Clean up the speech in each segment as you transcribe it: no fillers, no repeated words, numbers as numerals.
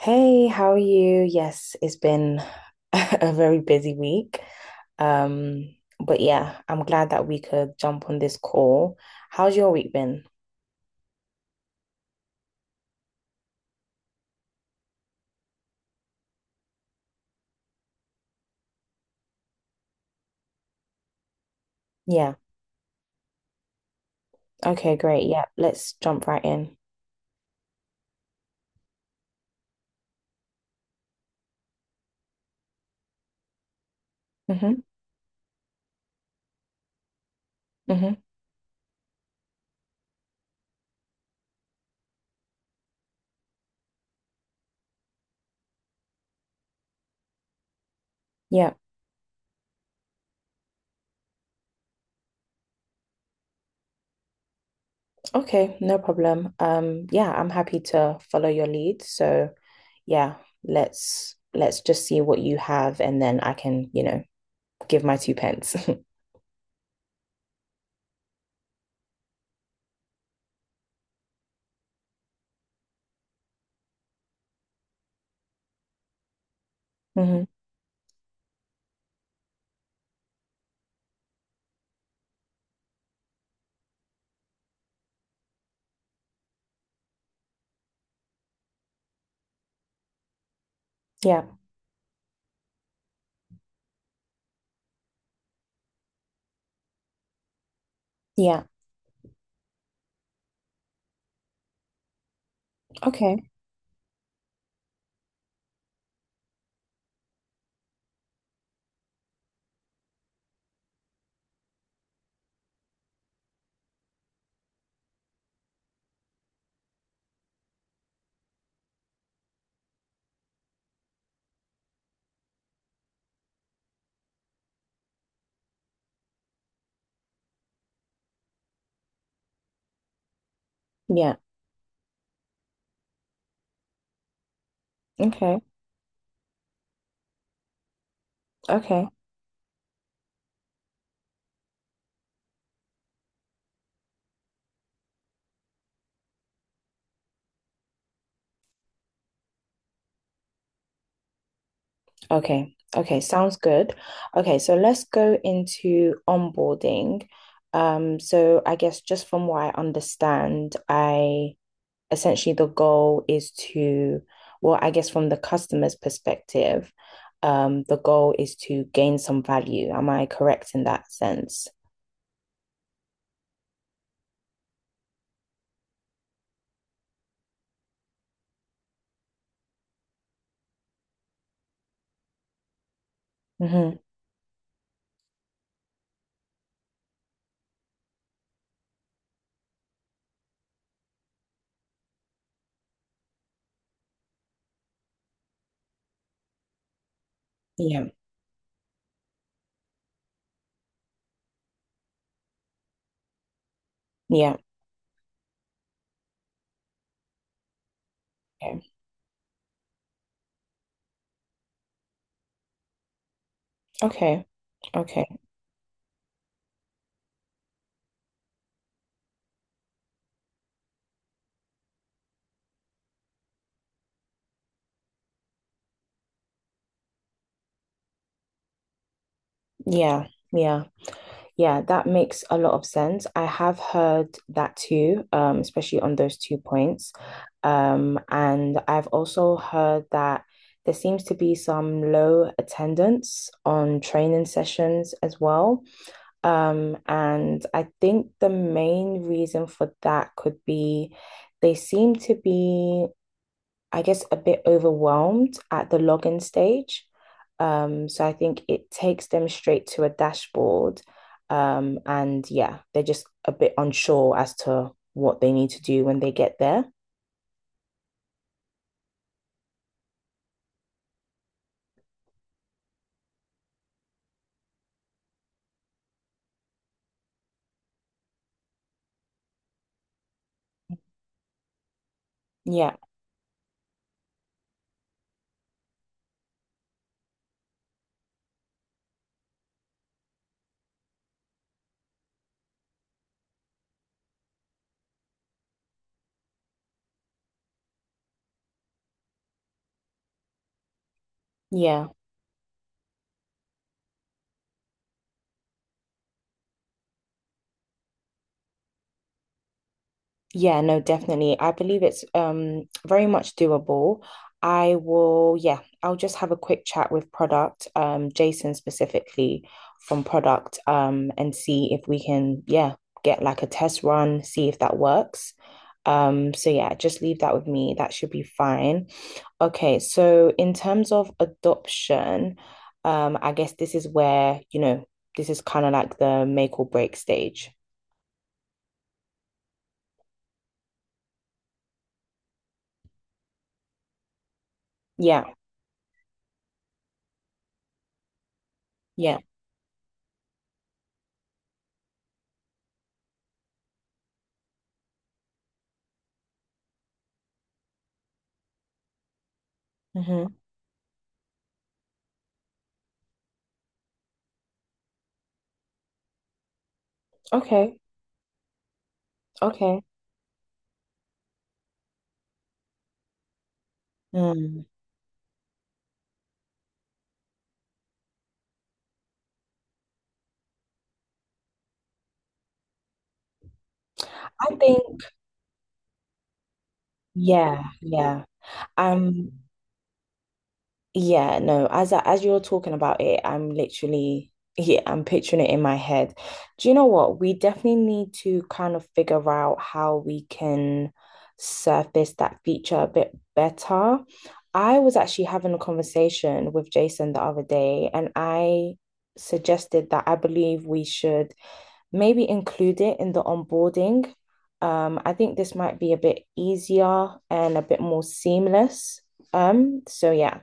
Hey, how are you? Yes, it's been a very busy week. Um, but yeah, I'm glad that we could jump on this call. How's your week been? Yeah. Okay, great. Yeah, let's jump right in. Mm-hmm. Mm-hmm. Yeah. Okay, no problem. Yeah, I'm happy to follow your lead. So yeah, let's just see what you have and then I can, you know, give my two pence. Mm-hmm. Yeah. Yeah. Okay. Yeah. Okay. Okay. Okay. Okay. Sounds good. Okay. So let's go into onboarding. So I guess just from what I understand, I essentially the goal is to, well, I guess from the customer's perspective, the goal is to gain some value. Am I correct in that sense? Mm-hmm. Yeah. Yeah. Okay. Okay. Okay. Yeah. Yeah. Yeah. That makes a lot of sense. I have heard that too, especially on those two points. And I've also heard that there seems to be some low attendance on training sessions as well. And I think the main reason for that could be they seem to be, I guess, a bit overwhelmed at the login stage. So I think it takes them straight to a dashboard. And yeah, they're just a bit unsure as to what they need to do when they get there. Yeah, yeah. Yeah, no, definitely. I believe it's very much doable. I will, yeah, I'll just have a quick chat with product, Jason specifically from product, and see if we can, yeah, get like a test run, see if that works. So yeah, just leave that with me. That should be fine. Okay, so in terms of adoption, I guess this is where, you know, this is kind of like the make or break stage. Yeah, yeah. Hmm. Okay. Okay. Mm. I think, yeah, yeah. I'm, yeah, no. As as you're talking about it, I'm literally, yeah, I'm picturing it in my head. Do you know what? We definitely need to kind of figure out how we can surface that feature a bit better. I was actually having a conversation with Jason the other day, and I suggested that I believe we should maybe include it in the onboarding. I think this might be a bit easier and a bit more seamless. So yeah.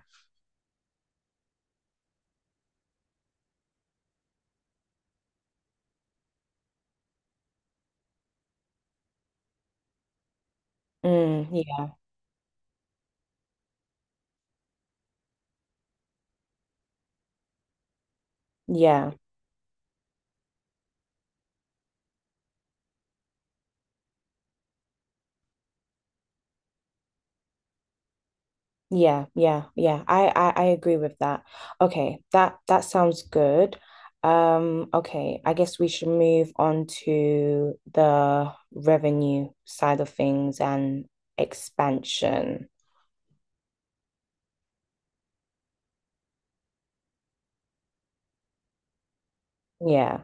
Mm, yeah, yeah, yeah, yeah, yeah. I agree with that. Okay, that sounds good. Okay, I guess we should move on to the revenue side of things and expansion. Yeah,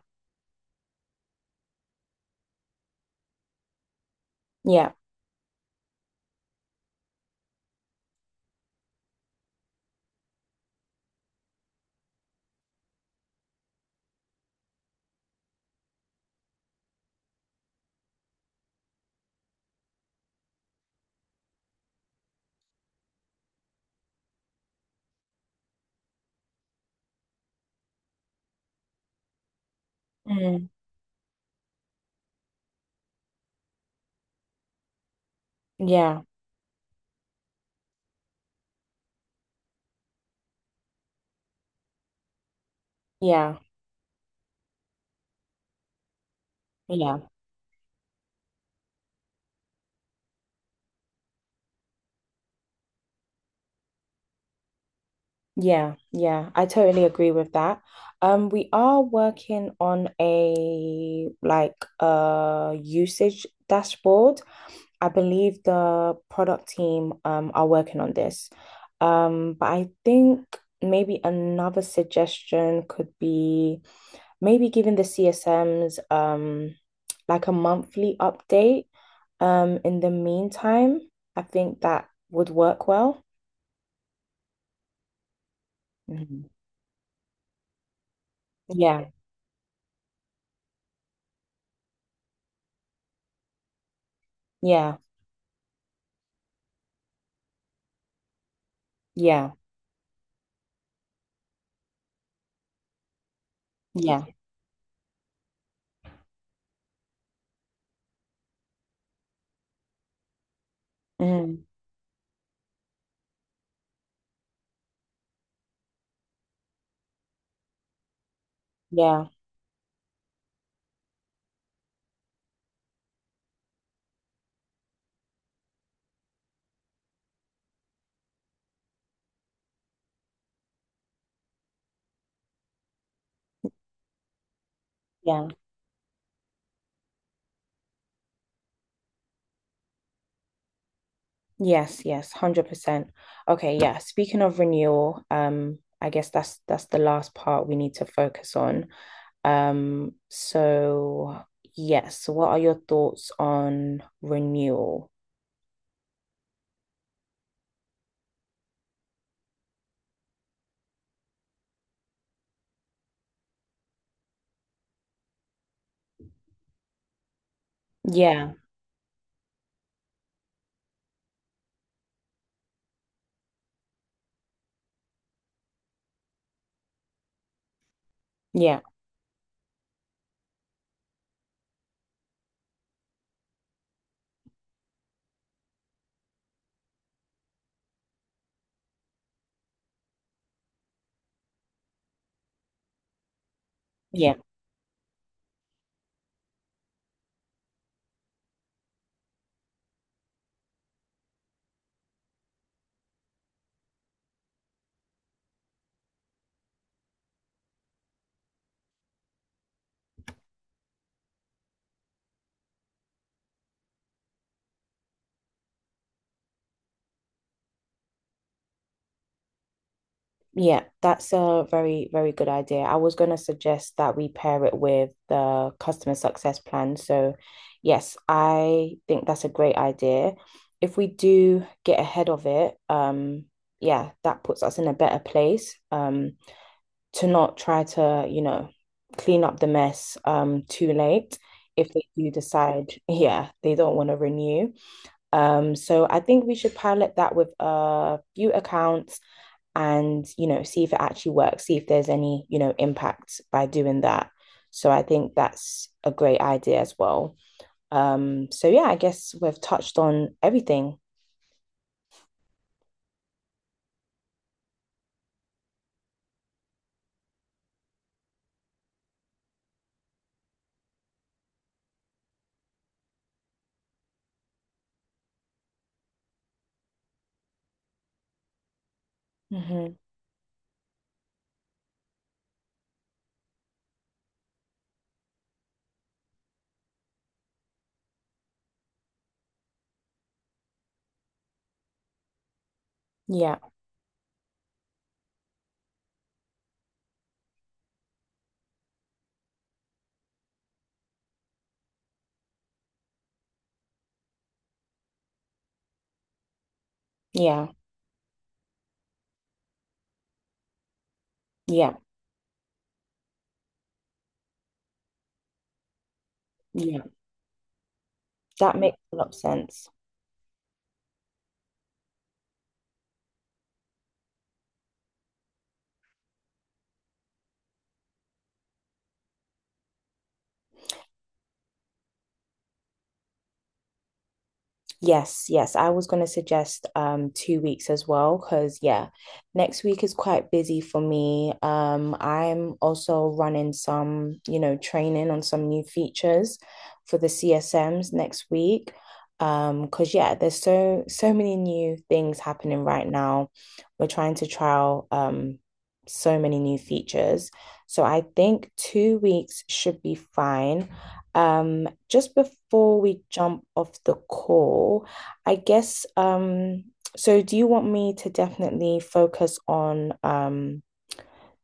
yeah, mm, yeah, yeah, yeah. Yeah, yeah, I totally agree with that. We are working on a like usage dashboard. I believe the product team are working on this. But I think maybe another suggestion could be maybe giving the CSMs like a monthly update. In the meantime, I think that would work well. Mhm. Yeah, yeah, yeah. Yeah. Mm, yeah. Yeah. Yes, yes, 100%. Okay, yeah. Speaking of renewal, I guess that's the last part we need to focus on. So yes, what are your thoughts on renewal? Yeah. Yeah. Yeah. Yeah, that's a very, very good idea. I was going to suggest that we pair it with the customer success plan. So, yes, I think that's a great idea. If we do get ahead of it, yeah, that puts us in a better place, to not try to, you know, clean up the mess, too late if they do decide, yeah, they don't want to renew. So I think we should pilot that with a few accounts, and you know, see if it actually works, see if there's any, you know, impact by doing that. So I think that's a great idea as well. So yeah, I guess we've touched on everything. Hmm. Yeah, yeah, yeah, yeah, that makes a lot of sense. Yes, yes. I was going to suggest two weeks as well because yeah, next week is quite busy for me. I'm also running some, you know, training on some new features for the CSMs next week. Because yeah, there's so many new things happening right now. We're trying to trial so many new features. So I think two weeks should be fine. Just before we jump off the call, I guess, so do you want me to definitely focus on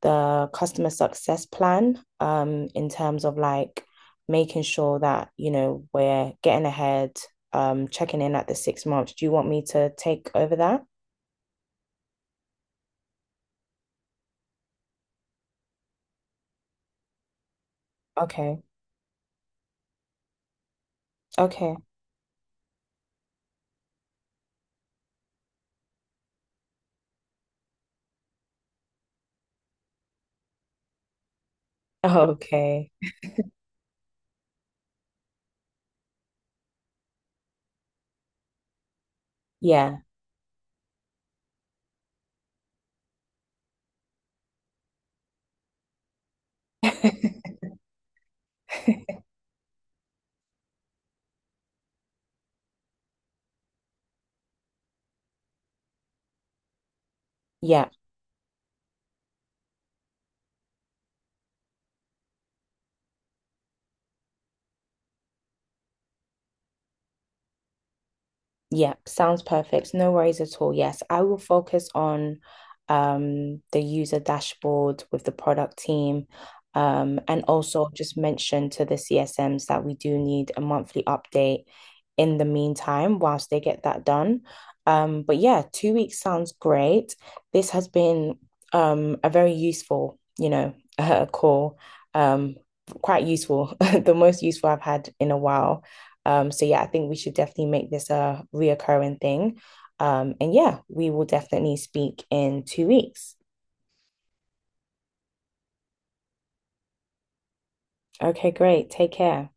the customer success plan in terms of like making sure that, you know, we're getting ahead, checking in at the six months. Do you want me to take over that? Okay. Okay. Okay. Yeah. Yeah. Yeah, sounds perfect. No worries at all. Yes, I will focus on the user dashboard with the product team. And also just mention to the CSMs that we do need a monthly update in the meantime whilst they get that done. But yeah, two weeks sounds great. This has been a very useful, you know, call. Um, quite useful, the most useful I've had in a while. So yeah, I think we should definitely make this a reoccurring thing. And yeah, we will definitely speak in two weeks. Okay, great. Take care.